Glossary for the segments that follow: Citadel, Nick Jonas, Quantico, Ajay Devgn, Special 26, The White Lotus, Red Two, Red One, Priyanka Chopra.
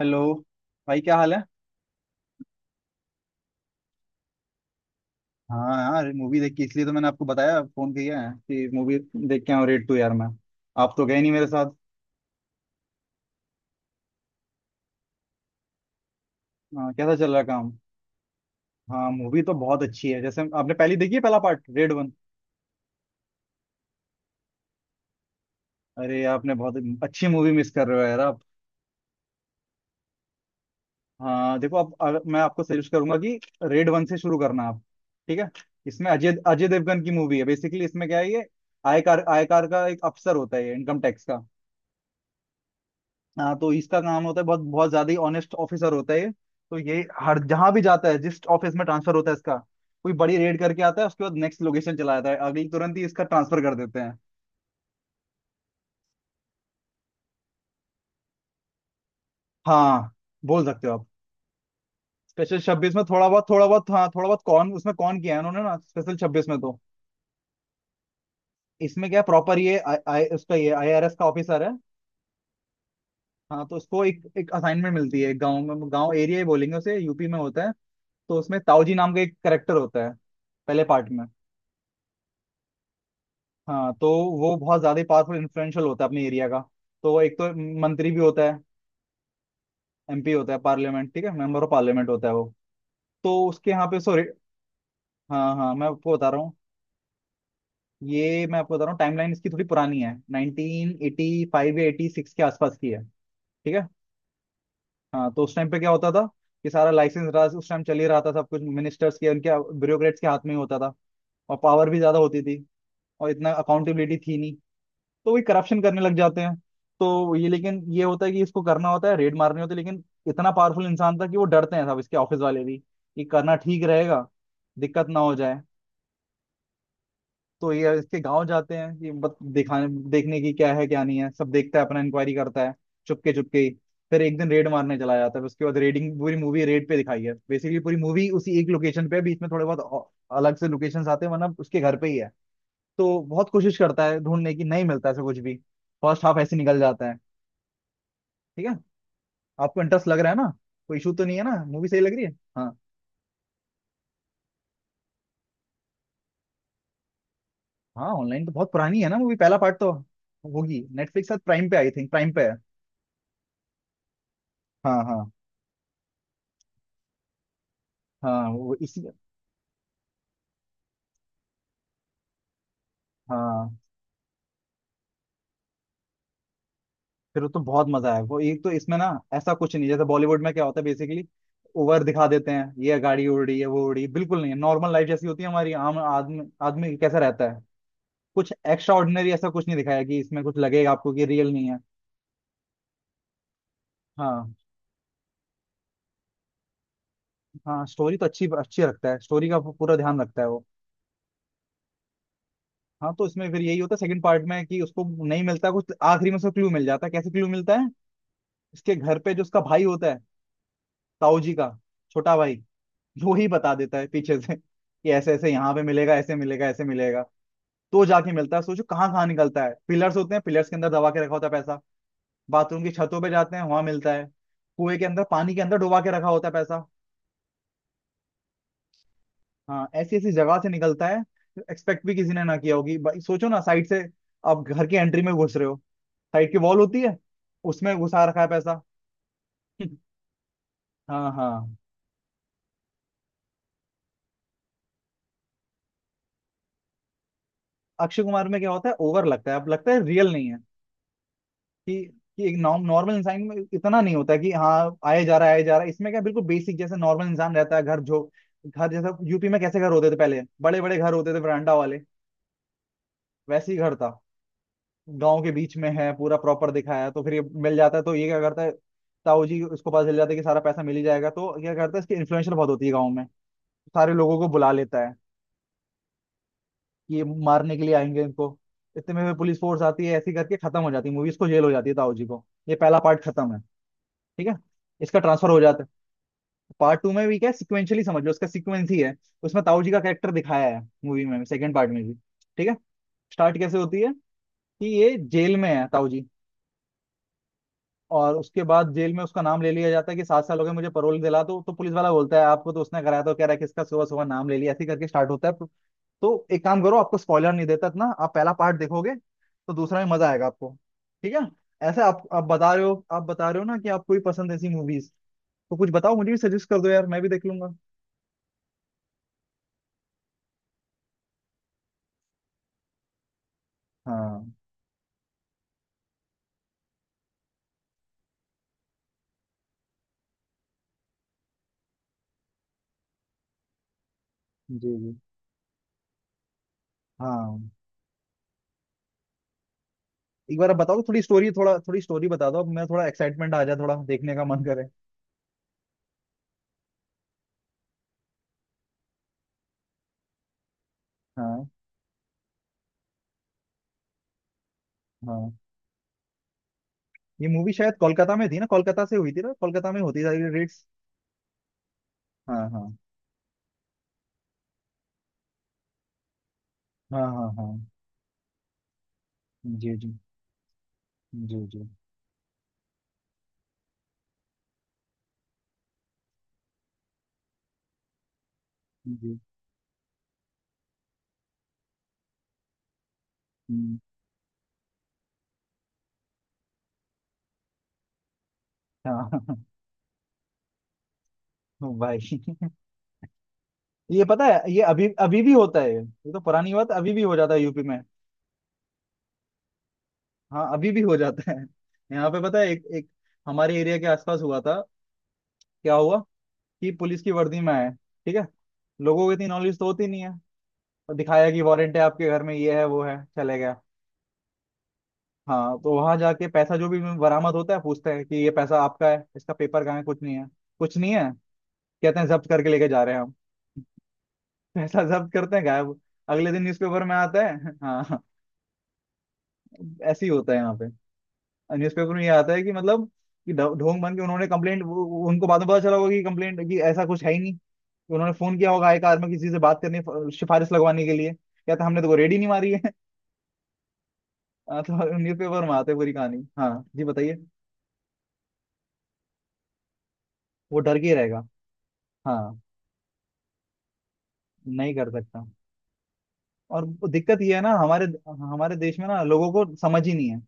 Hello. भाई, क्या हाल है? हाँ यार, मूवी देख के इसलिए तो मैंने आपको बताया, फोन किया है कि मूवी देख के आऊँ रेड टू। यार मैं, आप तो गए नहीं मेरे साथ। हाँ, कैसा चल रहा काम? हाँ, मूवी तो बहुत अच्छी है। जैसे आपने पहली देखी है, पहला पार्ट रेड वन। अरे आपने बहुत अच्छी मूवी मिस कर रहे हो यार आप। हाँ देखो, आप मैं आपको सजेस्ट करूंगा कि रेड वन से शुरू करना आप। ठीक है। इसमें अजय अजय देवगन की मूवी है बेसिकली। इसमें क्या है ये, आयकार आयकार का एक अफसर होता है इनकम टैक्स का। हाँ तो इसका काम होता है, बहुत बहुत ज्यादा ही ऑनेस्ट ऑफिसर होता है ये। तो ये हर जहां भी जाता है, जिस ऑफिस में ट्रांसफर होता है इसका, कोई बड़ी रेड करके आता है। उसके बाद नेक्स्ट लोकेशन चला जाता है, अगली तुरंत ही इसका ट्रांसफर कर देते हैं। हाँ, बोल सकते हो आप। स्पेशल छब्बीस में थोड़ा बहुत, हाँ, थोड़ा बहुत। कौन उसमें, कौन किया है उन्होंने ना स्पेशल छब्बीस में तो? इसमें क्या प्रॉपर ये आई आई- उसका ये आईआरएस का ऑफिसर है। हाँ तो उसको एक एक असाइनमेंट मिलती है गांव में। गांव एरिया ही बोलेंगे उसे, यूपी में होता है। तो उसमें ताऊजी नाम का एक करेक्टर होता है पहले पार्ट में। हाँ तो वो बहुत ज्यादा पावरफुल इन्फ्लुएंशियल होता है अपने एरिया का। तो वो एक तो मंत्री भी होता है, एमपी होता है पार्लियामेंट, ठीक है, मेंबर ऑफ पार्लियामेंट होता है वो। तो उसके यहाँ पे सॉरी। हाँ हाँ, मैं आपको बता रहा हूँ। ये मैं आपको बता रहा हूँ, टाइमलाइन इसकी थोड़ी पुरानी है, 1985 या 86 के आसपास की है। ठीक है। हाँ तो उस टाइम पे क्या होता था कि सारा लाइसेंस राज उस टाइम चल ही रहा था। सब कुछ मिनिस्टर्स के, उनके ब्यूरोक्रेट्स के हाथ में ही होता था, और पावर भी ज्यादा होती थी और इतना अकाउंटेबिलिटी थी नहीं। तो वही करप्शन करने लग जाते हैं। तो ये, लेकिन ये होता है कि इसको करना होता है, रेड मारनी होती है, लेकिन इतना पावरफुल इंसान था कि वो डरते हैं, सब इसके ऑफिस वाले भी, कि करना ठीक रहेगा, दिक्कत ना हो जाए। तो ये इसके गांव जाते हैं कि बत दिखाने, देखने की क्या है क्या नहीं है, सब देखता है, अपना इंक्वायरी करता है चुपके चुपके ही। फिर एक दिन रेड मारने चला जाता है। फिर उसके बाद रेडिंग, पूरी मूवी रेड पे दिखाई है बेसिकली। पूरी मूवी उसी एक लोकेशन पे है, बीच में थोड़े बहुत अलग से लोकेशंस आते हैं, वरना उसके घर पे ही है। तो बहुत कोशिश करता है ढूंढने की, नहीं मिलता ऐसा कुछ भी। फर्स्ट हाफ ऐसे निकल जाता है। ठीक है। आपको इंटरेस्ट लग रहा है ना? कोई इशू तो नहीं है ना, मूवी सही लग रही है? हाँ हाँ, ऑनलाइन तो बहुत पुरानी है ना मूवी, पहला पार्ट तो होगी। नेटफ्लिक्स शायद, प्राइम पे आई थिंक, प्राइम पे है। हाँ हाँ हाँ, वो इसी। हाँ, फिर तो बहुत मजा है। वो एक तो इसमें ना, ऐसा कुछ नहीं जैसे बॉलीवुड में क्या होता है बेसिकली, ओवर दिखा देते हैं, ये गाड़ी उड़ रही है वो उड़ रही है, बिल्कुल नहीं है। नॉर्मल लाइफ जैसी होती है हमारी, आम आदमी आदमी कैसा रहता है। कुछ एक्स्ट्रा ऑर्डिनरी ऐसा कुछ नहीं दिखाया कि इसमें कुछ लगेगा आपको कि रियल नहीं है। हाँ हाँ, स्टोरी तो अच्छी अच्छी रखता है, स्टोरी का पूरा ध्यान रखता है वो। हाँ तो इसमें फिर यही होता है सेकंड पार्ट में, कि उसको नहीं मिलता कुछ, आखिरी में उसको क्लू मिल जाता है। कैसे क्लू मिलता है, इसके घर पे जो उसका भाई होता है, ताऊ जी का छोटा भाई, वो ही बता देता है पीछे से कि ऐसे ऐसे यहाँ पे मिलेगा, ऐसे मिलेगा, ऐसे मिलेगा। तो जाके मिलता है। सोचो, कहाँ कहाँ निकलता है। पिलर्स होते हैं, पिलर्स के अंदर दबा के रखा होता है पैसा। बाथरूम की छतों पे जाते हैं, वहां मिलता है। कुएं के अंदर, पानी के अंदर डुबा के रखा होता है पैसा। हाँ, ऐसी ऐसी जगह से निकलता है। एक्सपेक्ट भी किसी ने ना किया होगी भाई। सोचो ना, साइड से आप घर की एंट्री में घुस रहे हो, साइड की वॉल होती है, उसमें घुसा रखा है पैसा। हाँ हाँ। अक्षय कुमार में क्या होता है, ओवर लगता है, अब लगता है रियल नहीं है। कि कि एक नॉर्मल इंसान में इतना नहीं होता है कि हाँ आए जा रहा है आए जा रहा है। इसमें क्या, बिल्कुल बेसिक जैसे नॉर्मल इंसान रहता है। घर जो घर जैसा यूपी में, कैसे घर होते थे पहले, बड़े बड़े घर होते थे वरांडा वाले। वैसे ही घर था। गांव के बीच में है, पूरा प्रॉपर दिखाया है। तो फिर ये मिल जाता है, तो ये क्या करता है, ताऊ जी उसको पता चल जाता है कि सारा पैसा मिल ही जाएगा। तो क्या करता है, इसकी इन्फ्लुएंशियल बहुत होती है गाँव में, सारे लोगों को बुला लेता है ये, मारने के लिए आएंगे इनको। इतने में पुलिस फोर्स आती है, ऐसी करके खत्म हो जाती है मूवीज को। जेल हो जाती है ताऊ जी को। ये पहला पार्ट खत्म है। ठीक है। इसका ट्रांसफर हो जाता है। पार्ट टू में भी क्या है, सिक्वेंशियली समझ लो, उसका सीक्वेंस ही है। उसमें ताऊ जी का कैरेक्टर दिखाया है मूवी में सेकंड पार्ट में भी। ठीक है। स्टार्ट कैसे होती है, कि ये जेल में है ताऊ जी, और उसके बाद जेल में उसका नाम ले लिया जाता है कि 7 साल हो गए मुझे, परोल दिला दो। तो पुलिस वाला बोलता है आपको, तो उसने कराया, तो कह रहा है कि इसका सुबह सुबह नाम ले लिया। ऐसे ही करके स्टार्ट होता है। तो एक काम करो, आपको स्पॉइलर नहीं देता इतना, आप पहला पार्ट देखोगे तो दूसरा में मजा आएगा आपको। ठीक है। ऐसे आप बता रहे हो, आप बता रहे हो ना कि आपको भी पसंद है ऐसी मूवीज। तो कुछ बताओ मुझे भी, सजेस्ट कर दो यार, मैं भी देख लूंगा। हाँ, जी जी, हाँ। एक बार आप बताओ तो, थोड़ी स्टोरी, थोड़ा थोड़ी स्टोरी बता दो। अब मैं थोड़ा एक्साइटमेंट आ जाए, थोड़ा देखने का मन करे। हाँ हाँ। ये मूवी शायद कोलकाता में थी ना, कोलकाता से हुई थी ना, कोलकाता में होती सारी रेट्स। हाँ हाँ हाँ हाँ हाँ। जी जी जी जी जी। हम्म, हाँ। भाई, ये पता है ये अभी अभी भी होता है। ये तो पुरानी बात, अभी भी हो जाता है यूपी में। हाँ, अभी भी हो जाता है। यहाँ पे पता है, एक एक हमारे एरिया के आसपास हुआ था। क्या हुआ, कि पुलिस की वर्दी में आए, ठीक है, लोगों को इतनी नॉलेज तो होती नहीं है, और दिखाया कि वारंट है आपके घर में ये है वो है, चले गया। हाँ तो वहां जाके पैसा जो भी बरामद होता है, पूछते हैं कि ये पैसा आपका है, इसका पेपर कहाँ है, कुछ नहीं है, कुछ नहीं है। कहते हैं जब्त करके लेके जा रहे हैं हम। पैसा जब्त करते हैं, गायब। अगले दिन न्यूज़पेपर में आता है। हाँ, ऐसे ही होता है यहाँ पे। न्यूज़पेपर में ये आता है कि मतलब कि ढोंग बन के उन्होंने कंप्लेंट, उनको बाद में पता चला होगा कि कंप्लेंट, कि ऐसा कुछ है ही नहीं, कि उन्होंने फोन किया होगा एक आदमी किसी से बात करने, सिफारिश लगवाने के लिए, क्या था हमने तो रेडी नहीं मारी है। हाँ, तो न्यूज़पेपर में आते पूरी कहानी। हाँ, जी बताइए, वो डर के ही रहेगा। हाँ, नहीं कर सकता। और दिक्कत ये है ना, हमारे हमारे देश में ना लोगों को समझ ही नहीं है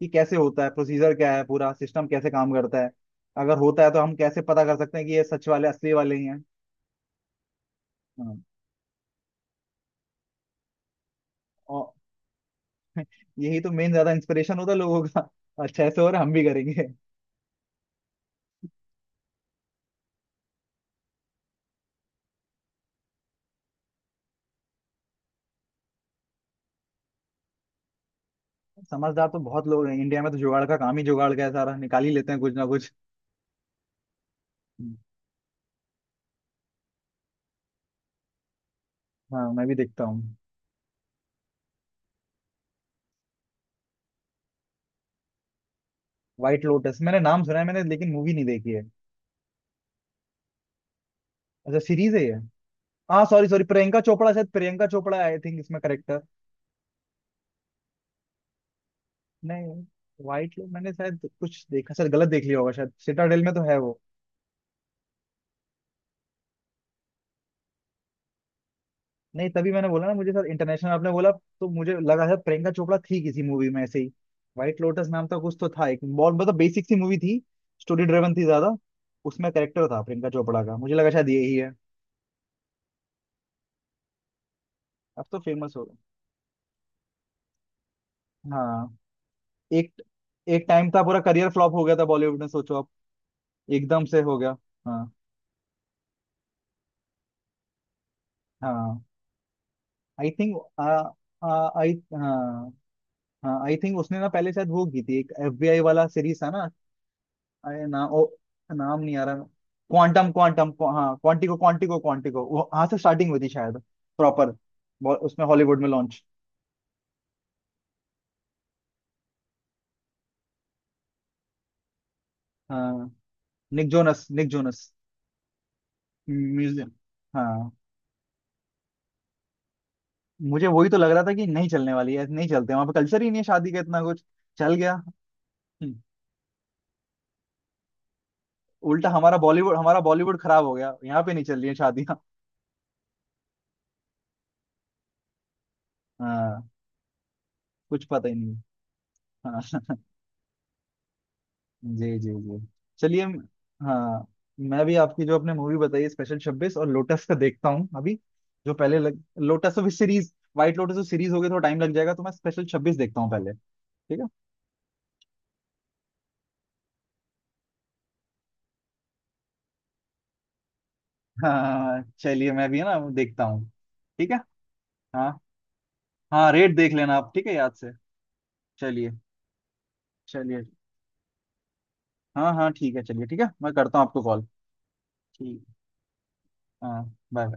कि कैसे होता है, प्रोसीजर क्या है, पूरा सिस्टम कैसे काम करता है, अगर होता है तो हम कैसे पता कर सकते हैं कि ये सच वाले असली वाले ही हैं। हाँ। औ- यही तो मेन ज्यादा इंस्पिरेशन होता है लोगों का। अच्छा ऐसे हो रहा है, हम भी करेंगे। समझदार तो बहुत लोग हैं इंडिया में, तो जुगाड़ का काम ही, जुगाड़ का है सारा, निकाल ही लेते हैं कुछ ना कुछ। हाँ, मैं भी देखता हूँ। व्हाइट लोटस मैंने नाम सुना है मैंने, लेकिन मूवी नहीं देखी है। अच्छा, सीरीज है ये। हाँ, सॉरी सॉरी, प्रियंका चोपड़ा शायद, प्रियंका चोपड़ा आई थिंक इसमें करेक्टर। नहीं। व्हाइट मैंने शायद कुछ देखा, शायद गलत देख लिया होगा शायद। सिटाडेल में तो है वो। नहीं, तभी मैंने बोला ना, मुझे सर इंटरनेशनल आपने बोला, तो मुझे लगा सर प्रियंका चोपड़ा थी किसी मूवी में ऐसे ही। व्हाइट लोटस नाम का कुछ तो था, एक बहुत मतलब बेसिक सी मूवी थी, स्टोरी ड्रिवन थी ज्यादा। उसमें कैरेक्टर था प्रियंका चोपड़ा का, मुझे लगा शायद यही है। अब तो फेमस हो गए। हाँ। एक एक टाइम था, पूरा करियर फ्लॉप हो गया था बॉलीवुड में। सोचो आप, एकदम से हो गया। हाँ हाँ। आई थिंक आई हाँ। हाँ, आई थिंक उसने ना पहले शायद वो की थी, एक एफबीआई वाला सीरीज था ना। अरे ना, ओ, नाम नहीं आ रहा। क्वांटम क्वांटम, हाँ, क्वांटिको क्वांटिको क्वांटिको वो, हाँ से स्टार्टिंग हुई थी शायद, प्रॉपर। उसमें हॉलीवुड में लॉन्च। हाँ, Nick Jonas, Nick Jonas museum. हाँ, मुझे वही तो लग रहा था कि नहीं चलने वाली है, नहीं चलते वहां पे, कल्चर ही नहीं है शादी का इतना कुछ। चल गया। हम्म, उल्टा हमारा बॉलीवुड, खराब हो गया। यहाँ पे नहीं चल रही है शादियाँ। हाँ, कुछ पता ही नहीं। हाँ, जी जी जी। चलिए हाँ, मैं भी आपकी, जो आपने मूवी बताई स्पेशल 26 और लोटस, का देखता हूँ अभी। जो पहले लग लोटस, अभी सीरीज व्हाइट लोटस तो सीरीज होगी, थोड़ा टाइम लग जाएगा, तो मैं स्पेशल 26 देखता हूँ पहले। ठीक है। हाँ चलिए, मैं भी है ना वो देखता हूँ। ठीक है। हाँ हाँ, रेट देख लेना आप, ठीक है, याद से। चलिए। चलिए, हाँ हाँ, ठीक है, चलिए, ठीक है। मैं करता हूँ आपको कॉल। ठीक। हाँ, बाय।